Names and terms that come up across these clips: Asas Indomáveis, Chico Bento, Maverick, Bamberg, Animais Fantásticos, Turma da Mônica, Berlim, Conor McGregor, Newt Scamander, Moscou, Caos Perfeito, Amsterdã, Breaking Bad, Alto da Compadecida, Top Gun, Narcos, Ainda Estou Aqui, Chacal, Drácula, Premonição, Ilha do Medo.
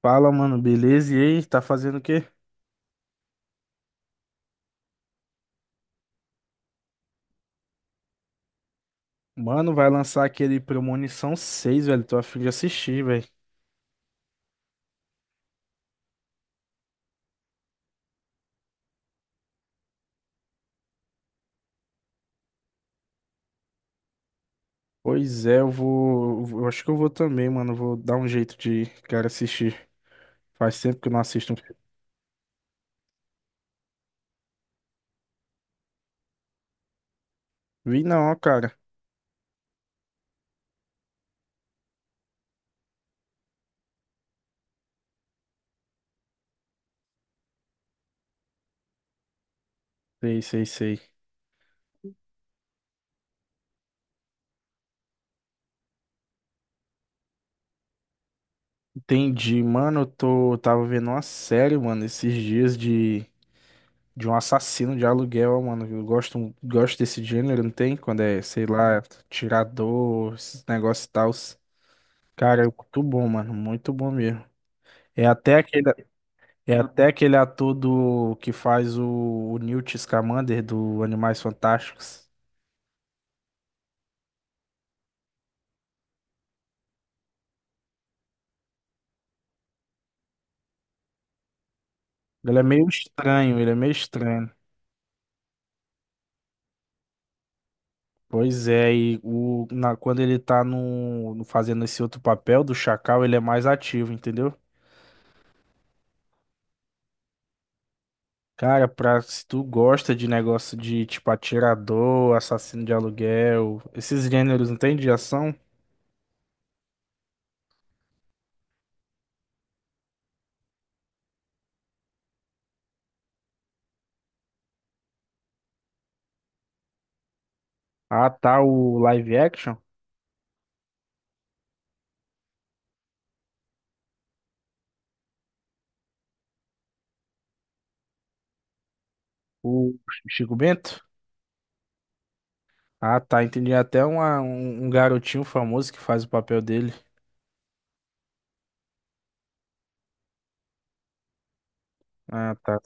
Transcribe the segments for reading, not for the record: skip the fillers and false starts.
Fala, mano, beleza? E aí, tá fazendo o quê? Mano, vai lançar aquele Premonição 6 velho. Tô a fim de assistir, velho. Pois é, eu vou. Eu acho que eu vou também, mano. Vou dar um jeito de, cara, assistir. Faz tempo que eu não assisto um filme. Vi não, ó, cara. Sei, sei, sei. Entendi, mano. Eu tô. Eu tava vendo uma série, mano, esses dias de. De um assassino de aluguel, ó, mano. Eu gosto, gosto desse gênero, não tem? Quando é, sei lá, tirador, esses negócios e tal. Cara, é muito bom, mano. Muito bom mesmo. É até aquele, é até aquele ator do, que faz o Newt Scamander do Animais Fantásticos. Ele é meio estranho, ele é meio estranho. Pois é, e o, na, quando ele tá fazendo esse outro papel do Chacal, ele é mais ativo, entendeu? Cara, pra, se tu gosta de negócio de tipo atirador, assassino de aluguel, esses gêneros, não tem de ação? Ah, tá, o live action, o Chico Bento. Ah, tá. Entendi. Até um garotinho famoso que faz o papel dele. Ah, tá.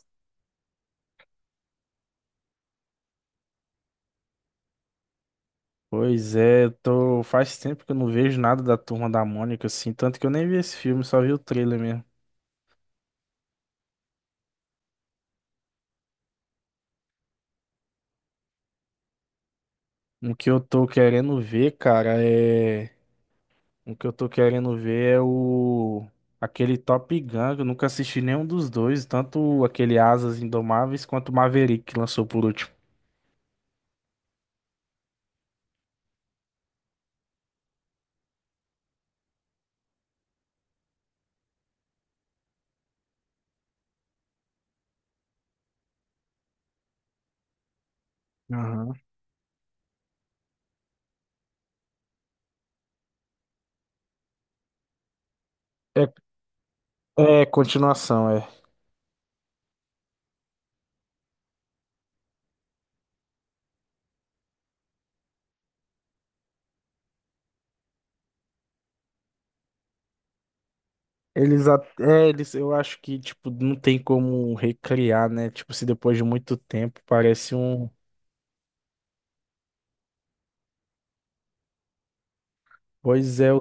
Pois é, eu tô, faz tempo que eu não vejo nada da Turma da Mônica, assim. Tanto que eu nem vi esse filme, só vi o trailer mesmo. O que eu tô querendo ver, cara, é. O que eu tô querendo ver é o. Aquele Top Gun, que eu nunca assisti nenhum dos dois, tanto aquele Asas Indomáveis quanto o Maverick que lançou por último. Aham. É, é continuação, é. Eles, a- é, eles, eu acho que, tipo, não tem como recriar, né? Tipo, se depois de muito tempo parece um. Pois é,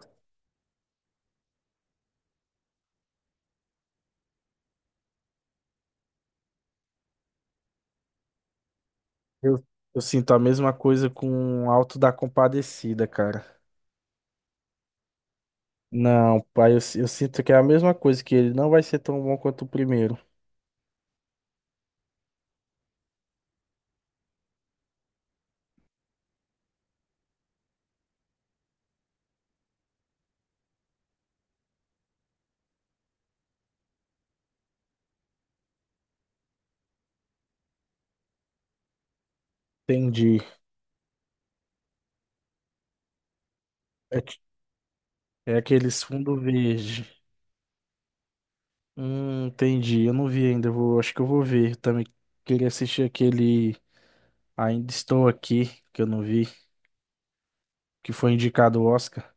eu, eu sinto a mesma coisa com o alto da Compadecida, cara. Não, pai, eu sinto que é a mesma coisa, que ele não vai ser tão bom quanto o primeiro. Entendi. É, que- é aqueles fundo verde. Entendi. Eu não vi ainda, eu vou, acho que eu vou ver. Eu também queria assistir aquele Ainda Estou Aqui, que eu não vi, que foi indicado ao Oscar.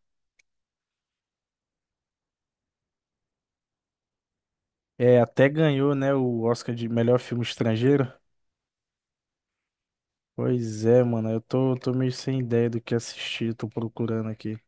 É, até ganhou, né, o Oscar de melhor filme estrangeiro. Pois é, mano, eu tô, tô meio sem ideia do que assistir, tô procurando aqui.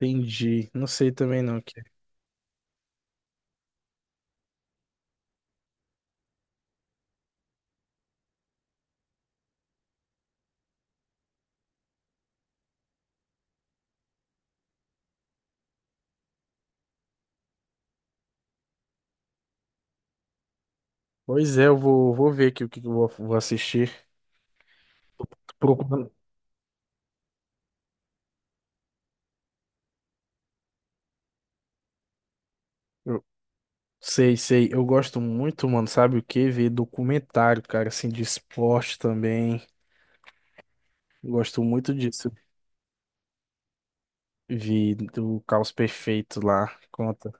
Entendi, não sei também não o que é. Pois é, eu vou, vou ver aqui o que que eu vou, vou assistir. Tô procurando. Eu- Sei, sei, eu gosto muito, mano, sabe o que? Ver documentário, cara, assim, de esporte também. Gosto muito disso. Vi do Caos Perfeito lá, conta.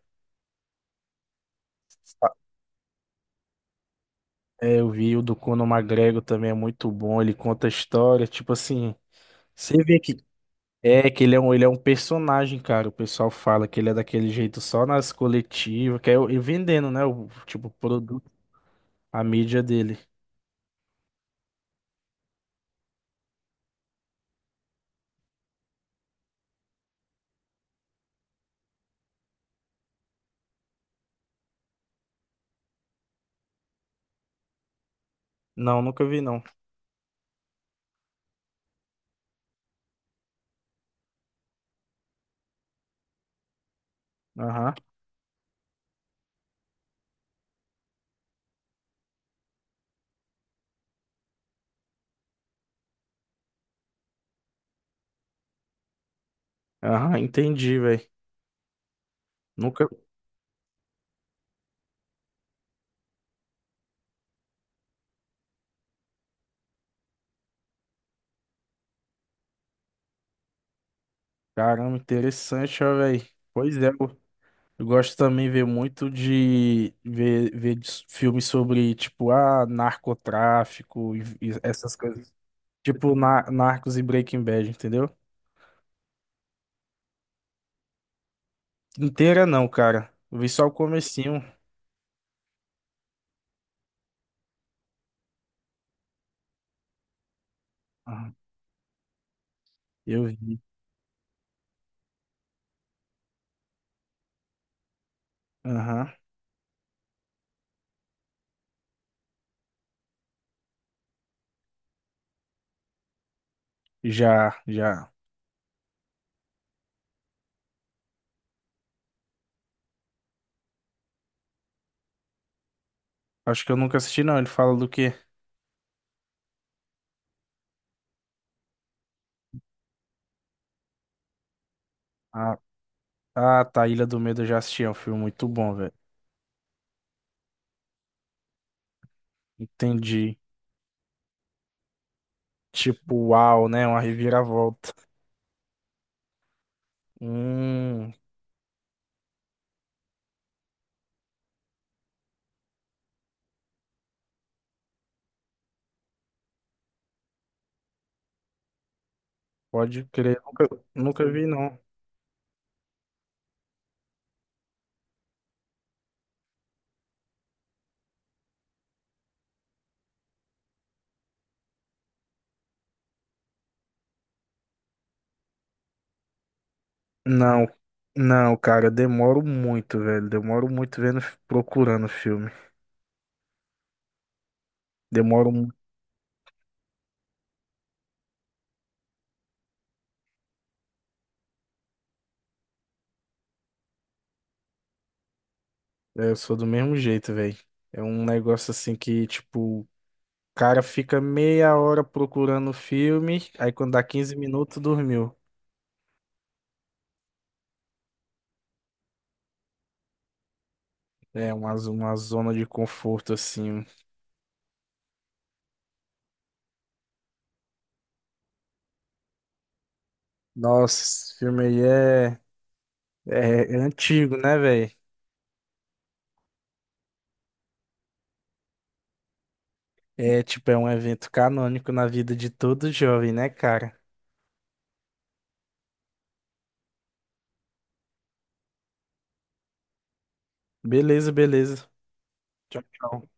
É, eu vi o do Conor McGregor também, é muito bom, ele conta a história, tipo assim. Você vê que ele é um personagem, cara. O pessoal fala que ele é daquele jeito só nas coletivas, e vendendo, né? O tipo produto, a mídia dele. Não, nunca vi não. Aham. Aham, entendi, velho. Nunca. Caramba, interessante, ó, velho. Pois é, eu gosto também de ver muito ver de filmes sobre, tipo, ah, narcotráfico e essas coisas. Tipo, na, Narcos e Breaking Bad, entendeu? Inteira não, cara. Eu vi só o comecinho. Eu vi. Aham. Já, já. Acho que eu nunca assisti, não. Ele fala do quê? Ah, ah, tá. Ilha do Medo eu já assisti. É um filme muito bom, velho. Entendi. Tipo, uau, né? Uma reviravolta. Hum, pode crer. Nunca vi, não. Não. Não, cara. Eu demoro muito, velho. Demoro muito vendo, procurando filme. Demoro muito. É, eu sou do mesmo jeito, velho. É um negócio assim que, tipo, cara fica meia hora procurando o filme, aí quando dá 15 minutos, dormiu. É uma, uma zona de conforto, assim. Nossa, esse filme aí é antigo, né, velho? É tipo, é um evento canônico na vida de todo jovem, né, cara? Beleza, beleza. Tchau, tchau.